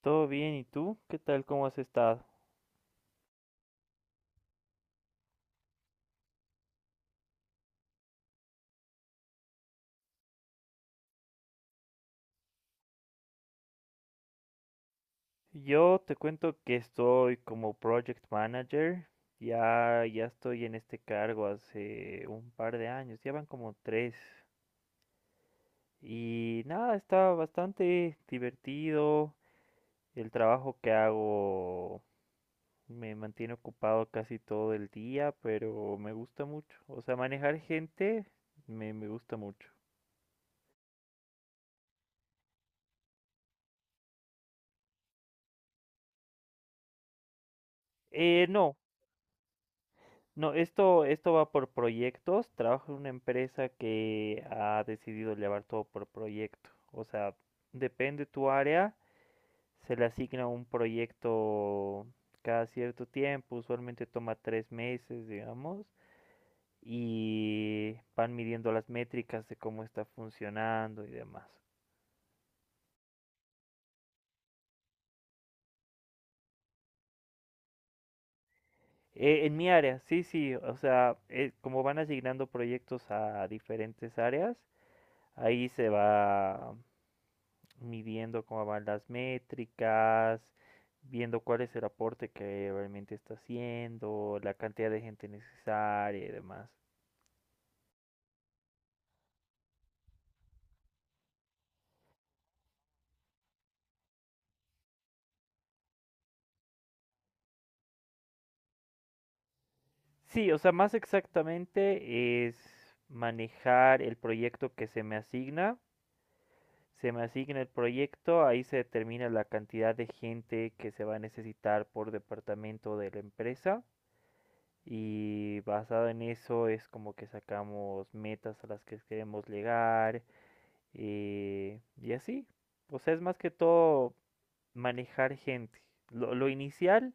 Todo bien, ¿y tú? ¿Qué tal? ¿Cómo has estado? Yo te cuento que estoy como project manager. Ya estoy en este cargo hace un par de años, ya van como tres. Y nada, está bastante divertido. El trabajo que hago me mantiene ocupado casi todo el día, pero me gusta mucho. O sea, manejar gente me gusta mucho. Eh, no, No, esto va por proyectos. Trabajo en una empresa que ha decidido llevar todo por proyecto. O sea, depende tu área, se le asigna un proyecto cada cierto tiempo, usualmente toma tres meses, digamos, y van midiendo las métricas de cómo está funcionando y demás. En mi área, sí, sí, o sea, como van asignando proyectos a diferentes áreas, ahí se va midiendo cómo van las métricas, viendo cuál es el aporte que realmente está haciendo, la cantidad de gente necesaria y demás. Sí, o sea, más exactamente es manejar el proyecto que se me asigna. Se me asigna el proyecto, ahí se determina la cantidad de gente que se va a necesitar por departamento de la empresa. Y basado en eso es como que sacamos metas a las que queremos llegar, y así, pues es más que todo manejar gente. Lo inicial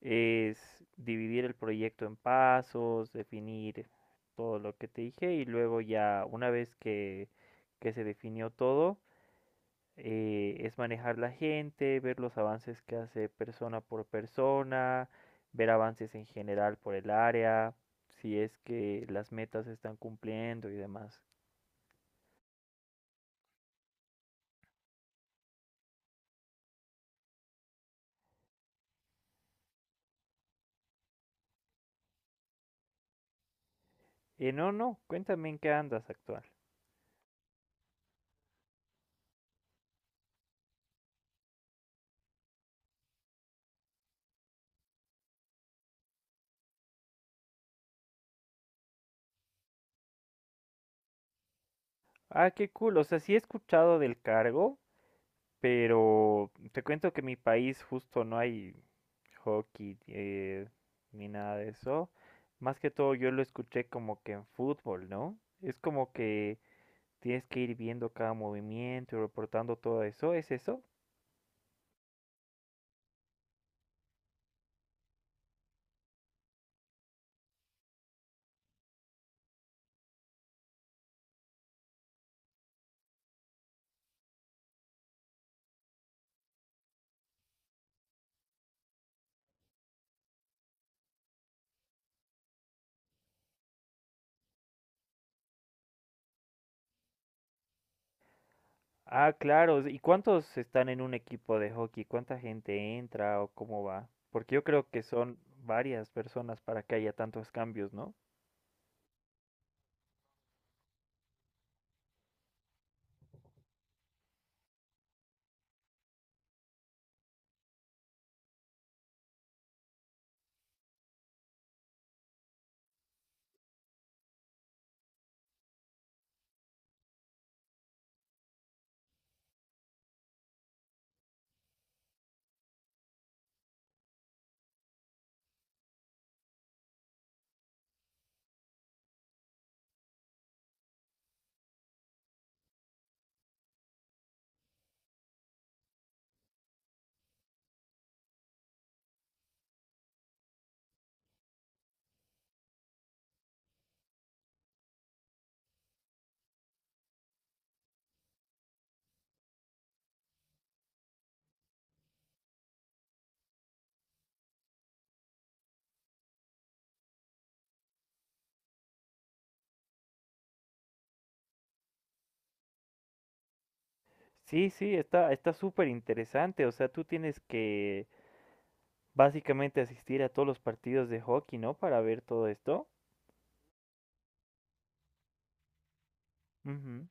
es dividir el proyecto en pasos, definir todo lo que te dije y luego ya una vez que se definió todo, es manejar la gente, ver los avances que hace persona por persona, ver avances en general por el área, si es que las metas se están cumpliendo y demás. No, no, Cuéntame en qué andas actual. Ah, qué cool. O sea, sí he escuchado del cargo, pero te cuento que en mi país justo no hay hockey, ni nada de eso. Más que todo yo lo escuché como que en fútbol, ¿no? Es como que tienes que ir viendo cada movimiento y reportando todo eso. ¿Es eso? Ah, claro. ¿Y cuántos están en un equipo de hockey? ¿Cuánta gente entra o cómo va? Porque yo creo que son varias personas para que haya tantos cambios, ¿no? Sí, sí, está súper interesante. O sea, tú tienes que básicamente asistir a todos los partidos de hockey, ¿no?, para ver todo esto. Ujú.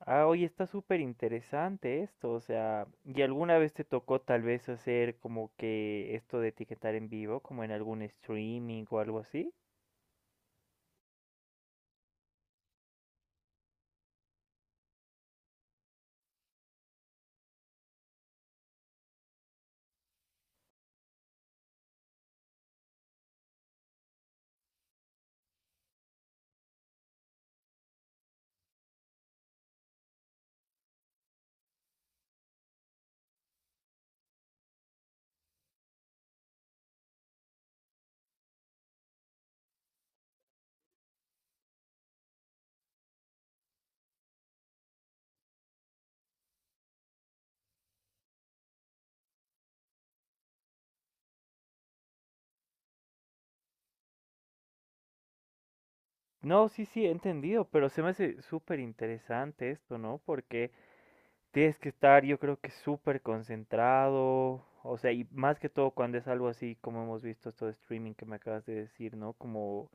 Ah, oye, está súper interesante esto. O sea, ¿y alguna vez te tocó tal vez hacer como que esto de etiquetar en vivo, como en algún streaming o algo así? No, sí, sí, he entendido, pero se me hace súper interesante esto, ¿no? Porque tienes que estar, yo creo que súper concentrado, o sea, y más que todo cuando es algo así como hemos visto esto de streaming que me acabas de decir, ¿no? Como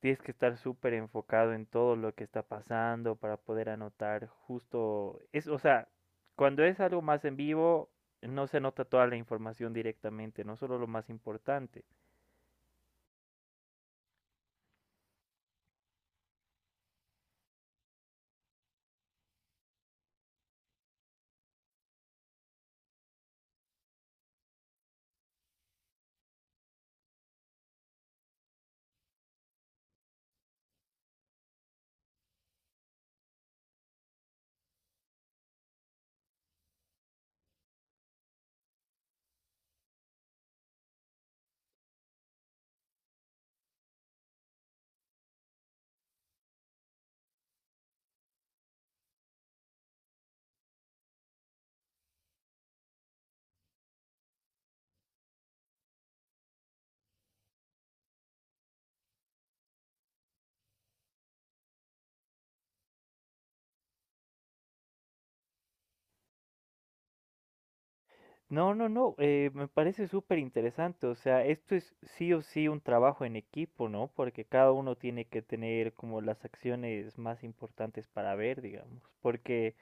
tienes que estar súper enfocado en todo lo que está pasando para poder anotar justo, es, o sea, cuando es algo más en vivo, no se nota toda la información directamente, no solo lo más importante. No, no, no, me parece súper interesante. O sea, esto es sí o sí un trabajo en equipo, ¿no? Porque cada uno tiene que tener como las acciones más importantes para ver, digamos, porque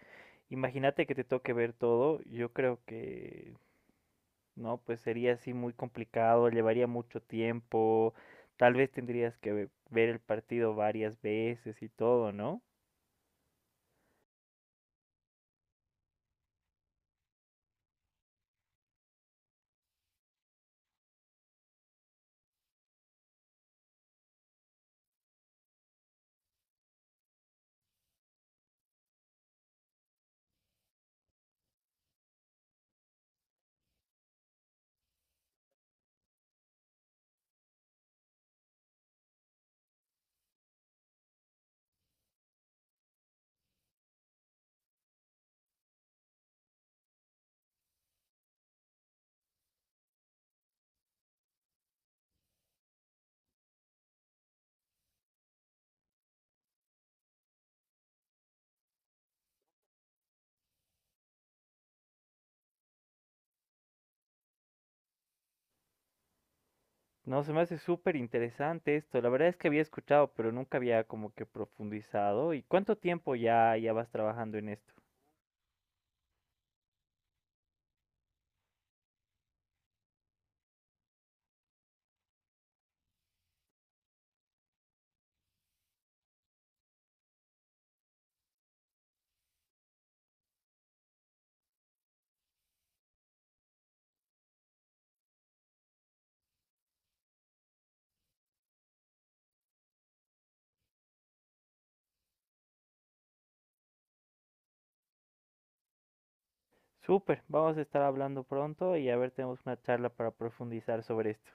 imagínate que te toque ver todo, yo creo que, no, pues sería así muy complicado, llevaría mucho tiempo, tal vez tendrías que ver el partido varias veces y todo, ¿no? No, se me hace súper interesante esto. La verdad es que había escuchado, pero nunca había como que profundizado. ¿Y cuánto tiempo ya, ya vas trabajando en esto? Súper, vamos a estar hablando pronto y a ver, tenemos una charla para profundizar sobre esto.